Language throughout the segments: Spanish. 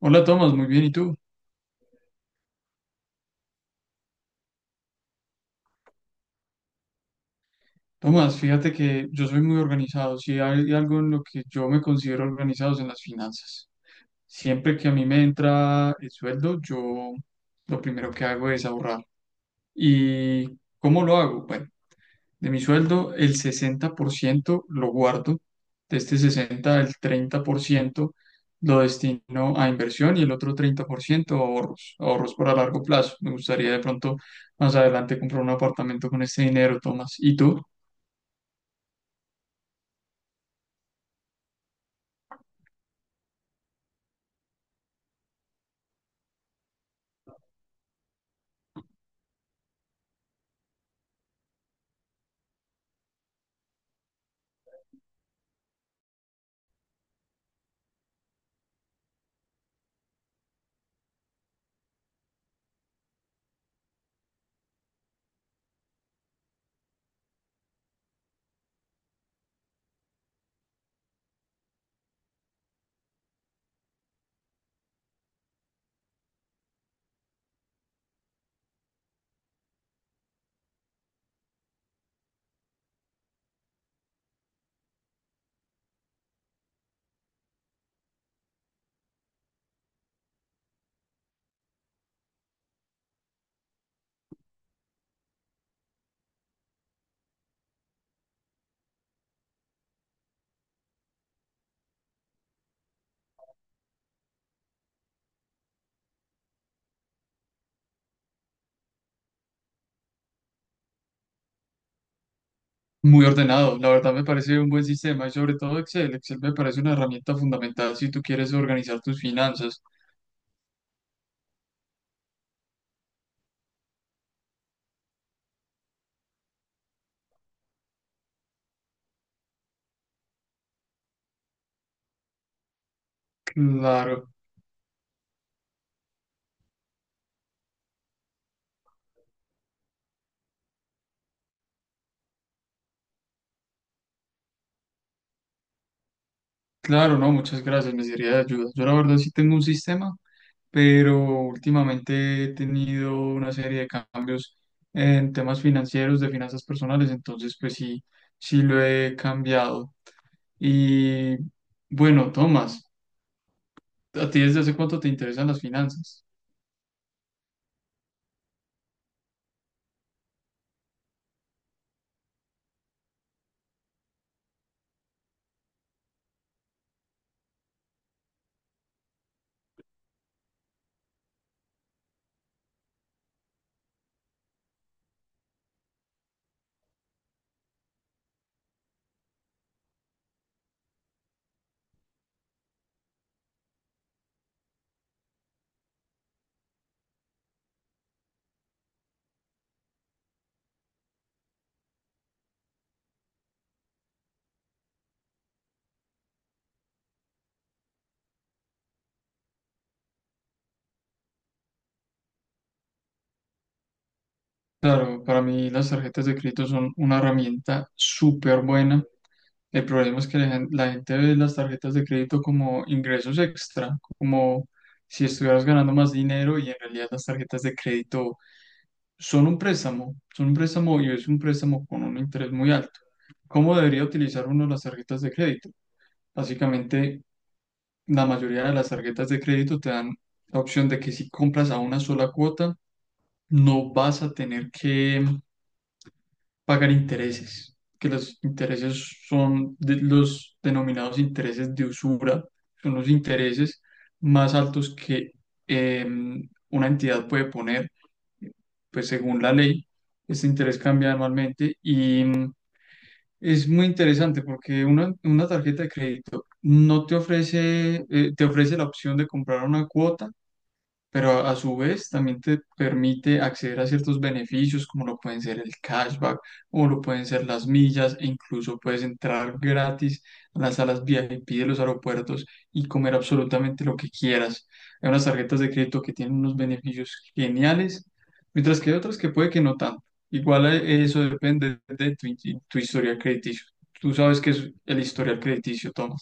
Hola Tomás, muy bien, ¿y tú? Tomás, fíjate que yo soy muy organizado, si hay algo en lo que yo me considero organizado es en las finanzas. Siempre que a mí me entra el sueldo, yo lo primero que hago es ahorrar. ¿Y cómo lo hago? Bueno, de mi sueldo, el 60% lo guardo. De este 60 el 30% lo destino a inversión y el otro 30% a ahorros, ahorros para largo plazo. Me gustaría de pronto más adelante comprar un apartamento con este dinero, Tomás. ¿Y tú? Muy ordenado. La verdad me parece un buen sistema y sobre todo Excel. Excel me parece una herramienta fundamental si tú quieres organizar tus finanzas. Claro, claro, no, muchas gracias. Me sería de ayuda. Yo la verdad sí tengo un sistema pero últimamente he tenido una serie de cambios en temas financieros, de finanzas personales, entonces pues sí, sí lo he cambiado. Y bueno, Tomás, ¿a ti desde hace cuánto te interesan las finanzas? Claro, para mí las tarjetas de crédito son una herramienta súper buena. El problema es que la gente ve las tarjetas de crédito como ingresos extra, como si estuvieras ganando más dinero y en realidad las tarjetas de crédito son un préstamo y es un préstamo con un interés muy alto. ¿Cómo debería utilizar uno las tarjetas de crédito? Básicamente, la mayoría de las tarjetas de crédito te dan la opción de que si compras a una sola cuota, no vas a tener que pagar intereses, que los intereses los denominados intereses de usura, son los intereses más altos que una entidad puede poner pues según la ley. Este interés cambia anualmente y es muy interesante porque una tarjeta de crédito no te ofrece, te ofrece la opción de comprar una cuota pero a su vez también te permite acceder a ciertos beneficios como lo pueden ser el cashback o lo pueden ser las millas e incluso puedes entrar gratis a las salas VIP de los aeropuertos y comer absolutamente lo que quieras. Hay unas tarjetas de crédito que tienen unos beneficios geniales, mientras que hay otras que puede que no tanto. Igual eso depende de tu historial crediticio. Tú sabes que es el historial crediticio, Tom.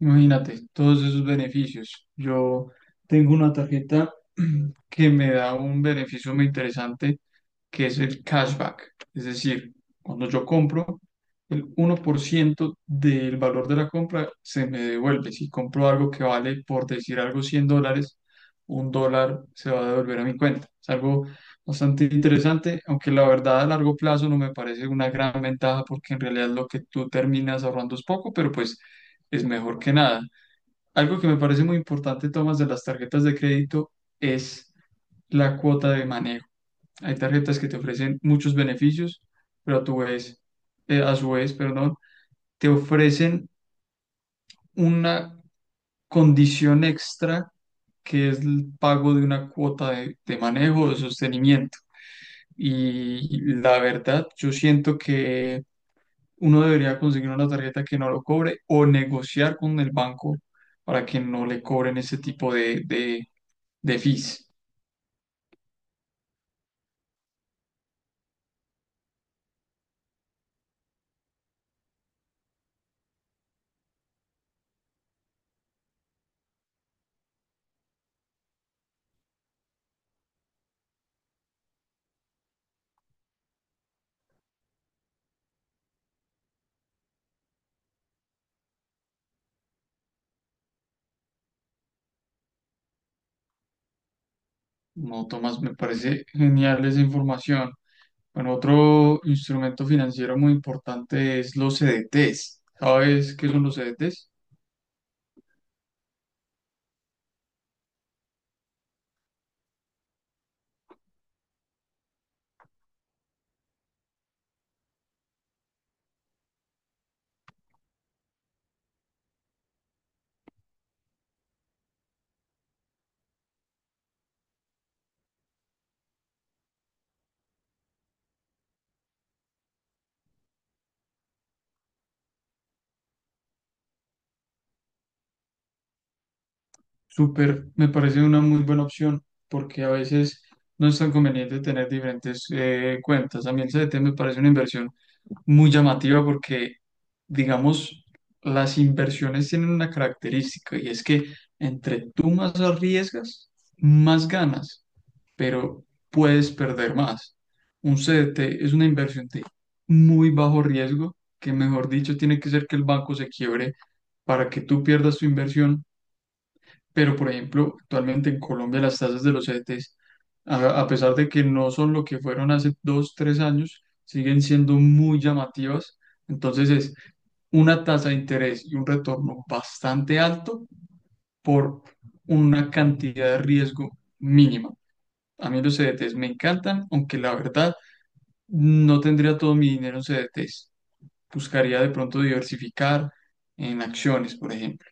Imagínate, todos esos beneficios. Yo tengo una tarjeta que me da un beneficio muy interesante, que es el cashback. Es decir, cuando yo compro, el 1% del valor de la compra se me devuelve. Si compro algo que vale, por decir algo, $100, un dólar se va a devolver a mi cuenta. Es algo bastante interesante, aunque la verdad a largo plazo no me parece una gran ventaja porque en realidad lo que tú terminas ahorrando es poco, pero pues es mejor que nada. Algo que me parece muy importante, Tomás, de las tarjetas de crédito es la cuota de manejo. Hay tarjetas que te ofrecen muchos beneficios, pero a tu vez, a su vez, perdón, te ofrecen una condición extra que es el pago de una cuota de manejo o de sostenimiento. Y la verdad, yo siento que uno debería conseguir una tarjeta que no lo cobre o negociar con el banco para que no le cobren ese tipo de fees. No, Tomás, me parece genial esa información. Bueno, otro instrumento financiero muy importante es los CDTs. ¿Sabes qué son los CDTs? Súper, me parece una muy buena opción porque a veces no es tan conveniente tener diferentes cuentas. A mí el CDT me parece una inversión muy llamativa porque, digamos, las inversiones tienen una característica y es que entre tú más arriesgas, más ganas, pero puedes perder más. Un CDT es una inversión de muy bajo riesgo que, mejor dicho, tiene que ser que el banco se quiebre para que tú pierdas tu inversión pero, por ejemplo, actualmente en Colombia las tasas de los ETs, a pesar de que no son lo que fueron hace dos, tres años, siguen siendo muy llamativas. Entonces es una tasa de interés y un retorno bastante alto por una cantidad de riesgo mínima. A mí los CDTs me encantan, aunque la verdad no tendría todo mi dinero en CDTs. Buscaría de pronto diversificar en acciones, por ejemplo.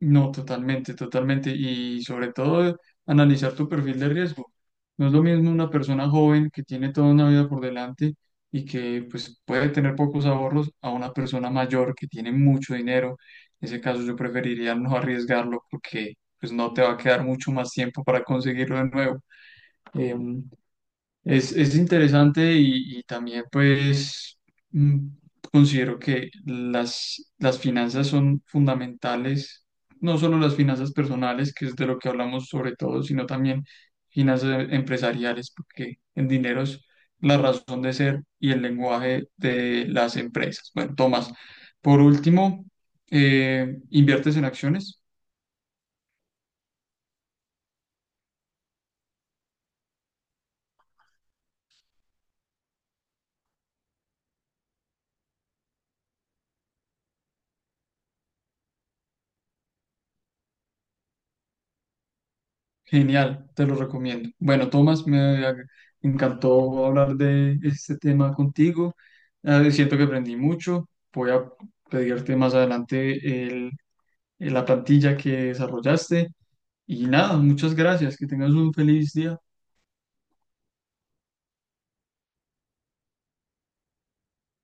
No, totalmente, totalmente. Y sobre todo, analizar tu perfil de riesgo. No es lo mismo una persona joven que tiene toda una vida por delante y que pues, puede tener pocos ahorros a una persona mayor que tiene mucho dinero. En ese caso, yo preferiría no arriesgarlo porque pues, no te va a quedar mucho más tiempo para conseguirlo de nuevo. Em, es interesante y también pues mm, considero que las finanzas son fundamentales, no solo las finanzas personales, que es de lo que hablamos sobre todo, sino también finanzas empresariales, porque el dinero es la razón de ser y el lenguaje de las empresas. Bueno, Tomás, por último, ¿inviertes en acciones? Genial, te lo recomiendo. Bueno, Tomás, ag- encantó hablar de este tema contigo. Siento que aprendí mucho. Voy a pedirte más adelante la plantilla que desarrollaste. Y nada, muchas gracias. Que tengas un feliz día.